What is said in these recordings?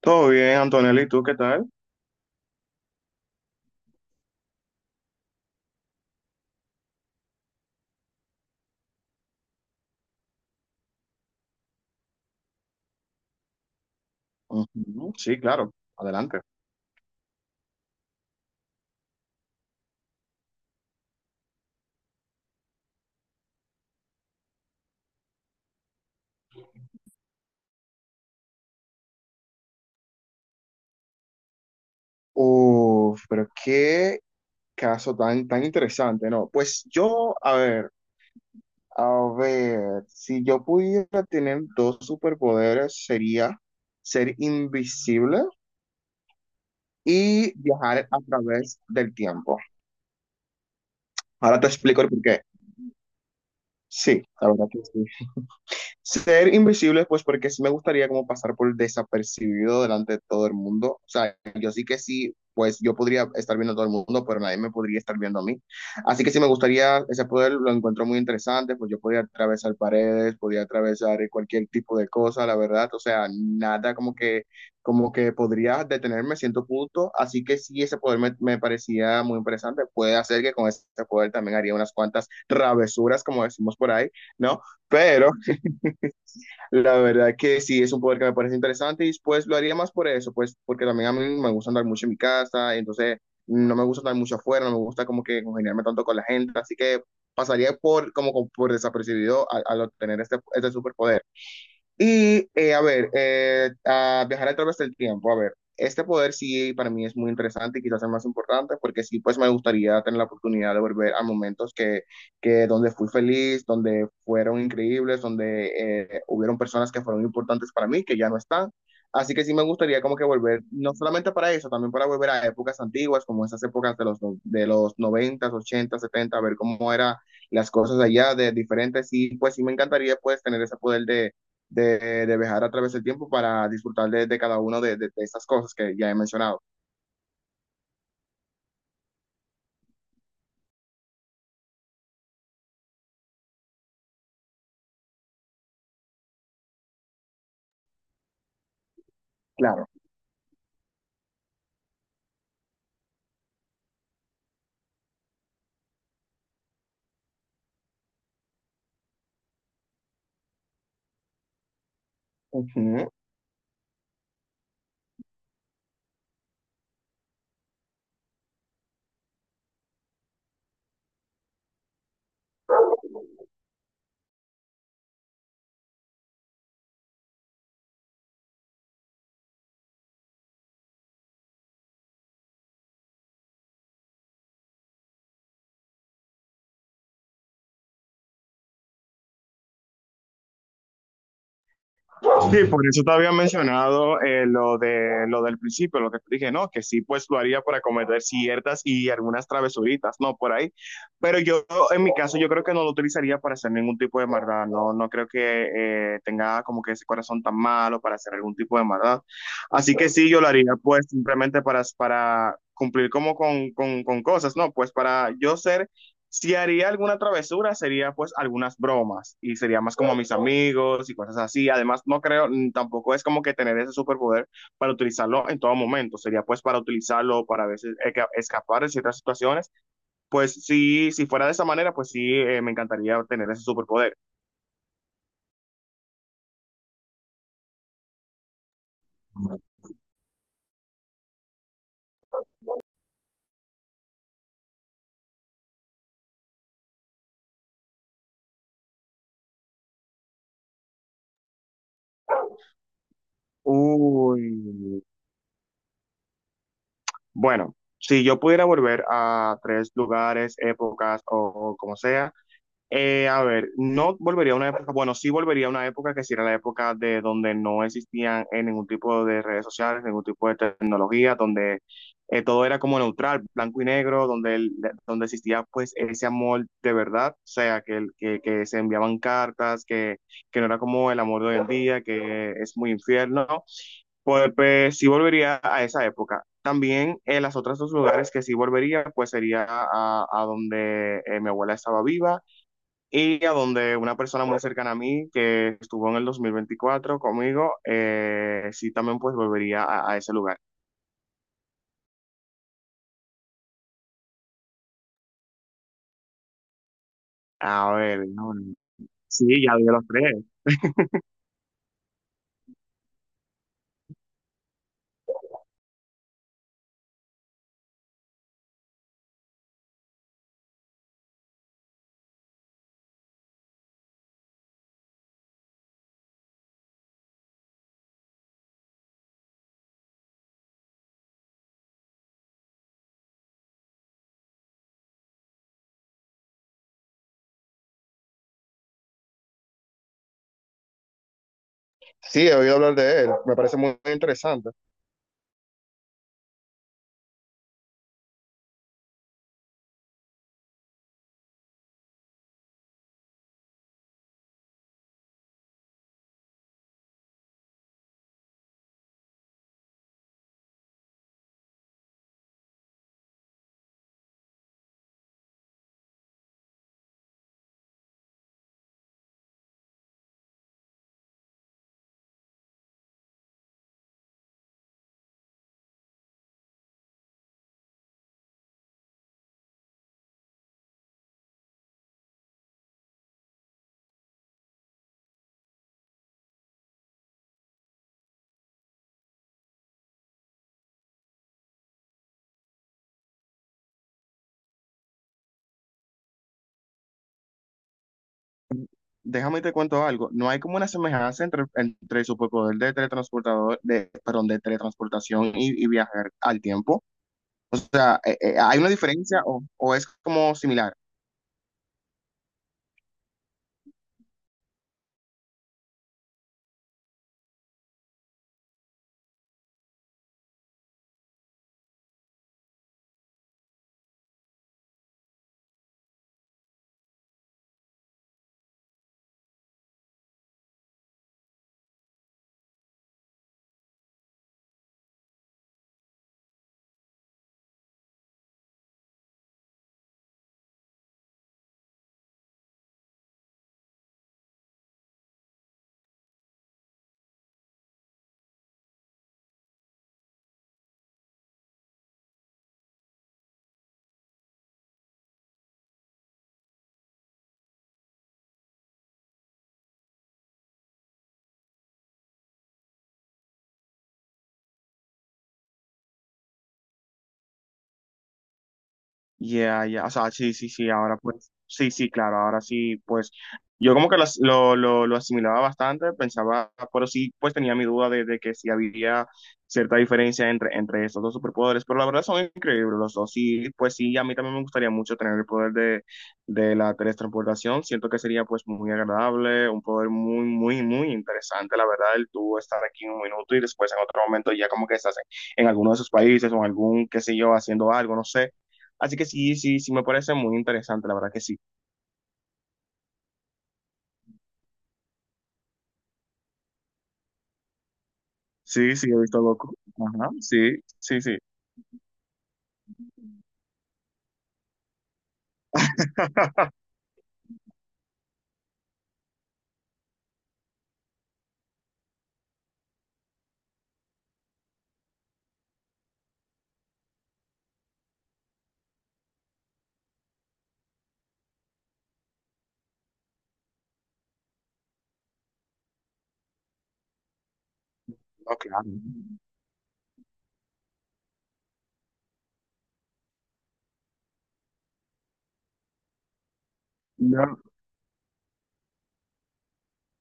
Todo bien, Antonella, ¿y tú qué tal? Ujú, sí, claro, adelante. Uf, pero qué caso tan, tan interesante, ¿no? Pues yo, a ver, si yo pudiera tener dos superpoderes, sería ser invisible y viajar a través del tiempo. Ahora te explico el porqué. Sí, la verdad que sí. Ser invisible, pues porque sí me gustaría como pasar por desapercibido delante de todo el mundo. O sea, yo sí que sí, pues yo podría estar viendo a todo el mundo, pero nadie me podría estar viendo a mí. Así que sí me gustaría ese poder, lo encuentro muy interesante, pues yo podría atravesar paredes, podría atravesar cualquier tipo de cosa, la verdad. O sea, nada como que podría detenerme a cierto punto. Así que sí, ese poder me parecía muy interesante. Puede hacer que con ese poder también haría unas cuantas travesuras, como decimos por ahí, ¿no? Pero... La verdad que sí, es un poder que me parece interesante y pues lo haría más por eso, pues porque también a mí me gusta andar mucho en mi casa, entonces no me gusta andar mucho afuera, no me gusta como que congeniarme tanto con la gente, así que pasaría por como por desapercibido al obtener este superpoder. Y, a ver, a viajar a través del tiempo, a ver, este poder sí para mí es muy interesante y quizás el más importante porque sí, pues me gustaría tener la oportunidad de volver a momentos que donde fui feliz, donde fueron increíbles, donde hubieron personas que fueron importantes para mí, que ya no están. Así que sí me gustaría como que volver, no solamente para eso, también para volver a épocas antiguas, como esas épocas de los 90, 80, 70 a ver cómo eran las cosas allá de diferentes. Y pues sí me encantaría pues tener ese poder de viajar a través del tiempo para disfrutar de cada una de estas cosas que ya he mencionado. Claro. Ujú. Sí, por eso te había mencionado lo del principio, lo que te dije, ¿no? Que sí, pues lo haría para cometer ciertas y algunas travesuritas, ¿no? Por ahí. Pero yo, en mi caso, yo creo que no lo utilizaría para hacer ningún tipo de maldad, ¿no? No creo que tenga como que ese corazón tan malo para hacer algún tipo de maldad. Así que sí, yo lo haría, pues simplemente para cumplir como con cosas, ¿no? Pues para yo ser Si haría alguna travesura, sería pues algunas bromas y sería más como a mis amigos y cosas así. Además, no creo, tampoco es como que tener ese superpoder para utilizarlo en todo momento. Sería pues para utilizarlo, para a veces escapar de ciertas situaciones. Pues sí, si fuera de esa manera, pues sí, me encantaría tener ese superpoder. Uy, bueno, si yo pudiera volver a tres lugares, épocas o como sea. A ver, no volvería a una época, bueno, sí volvería a una época que sí era la época de donde no existían ningún tipo de redes sociales, ningún tipo de tecnología, donde todo era como neutral, blanco y negro, donde existía pues ese amor de verdad, o sea, que se enviaban cartas, que no era como el amor de hoy en día, que es muy infierno, ¿no? Pues sí volvería a esa época. También en las otras dos lugares que sí volvería, pues sería a donde mi abuela estaba viva y a donde una persona muy cercana a mí que estuvo en el 2024 conmigo, sí también pues volvería a ese lugar. A ver, no, no. Sí, ya vi los tres. Muy interesante. Déjame te cuento algo. No hay como una semejanza entre el superpoder de teletransportador, de, perdón, de teletransportación y viajar al tiempo. O sea, ¿hay una diferencia o es como similar? Ya, ya, o sea, sí, sí, sí, ahora pues, sí, sí, claro, ahora sí, pues, yo como que lo asimilaba bastante, pensaba, pero sí, pues tenía mi duda de que sí había cierta diferencia entre estos dos superpoderes, pero la verdad son increíbles los dos, sí, pues sí, a mí también me gustaría mucho tener el poder de la teletransportación, siento que sería pues muy agradable, un poder muy, muy, muy interesante, la verdad, el tú estar aquí un minuto y después en otro momento ya como que estás en alguno de esos países o en algún, qué sé yo, haciendo algo, no sé. Así que sí, sí, sí, me parece muy interesante, la verdad que sí. Sí, sí, he visto loco. Ajá, sí, sí, sí. No, claro. No.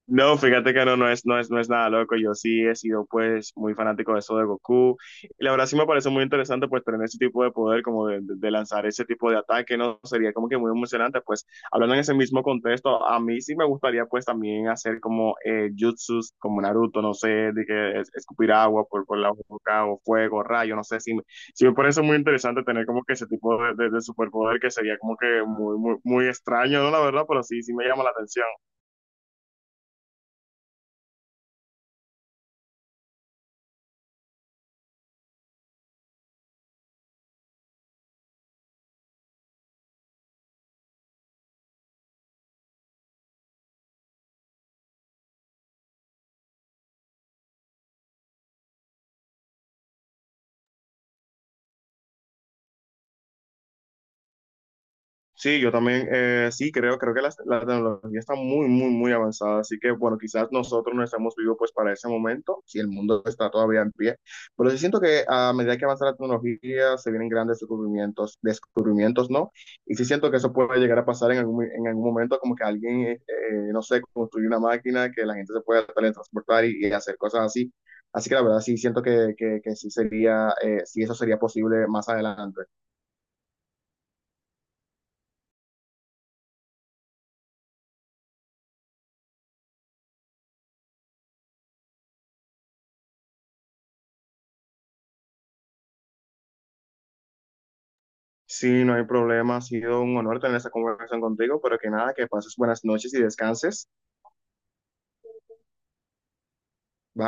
No, fíjate que no, no es nada loco. Yo sí he sido pues muy fanático de eso de Goku. Y la verdad sí me parece muy interesante pues tener ese tipo de poder, como de lanzar ese tipo de ataque, ¿no? Sería como que muy emocionante. Pues hablando en ese mismo contexto, a mí sí me gustaría pues también hacer como jutsus, como Naruto, no sé, de que escupir agua por la boca o fuego, rayo, no sé, sí, sí me parece muy interesante tener como que ese tipo de superpoder que sería como que muy, muy, muy extraño, ¿no? La verdad, pero sí, sí me llama la atención. Sí, yo también, sí, creo que la tecnología está muy, muy, muy avanzada, así que bueno, quizás nosotros no estamos vivos pues para ese momento, si el mundo está todavía en pie, pero sí siento que a medida que avanza la tecnología se vienen grandes descubrimientos, descubrimientos, ¿no? Y sí siento que eso puede llegar a pasar en algún momento, como que alguien, no sé, construye una máquina que la gente se pueda teletransportar y hacer cosas así, así que la verdad sí siento que sí sería, sí eso sería posible más adelante. Sí, no hay problema. Ha sido un honor tener esa conversación contigo, pero que nada, que pases buenas noches y descanses. Bye.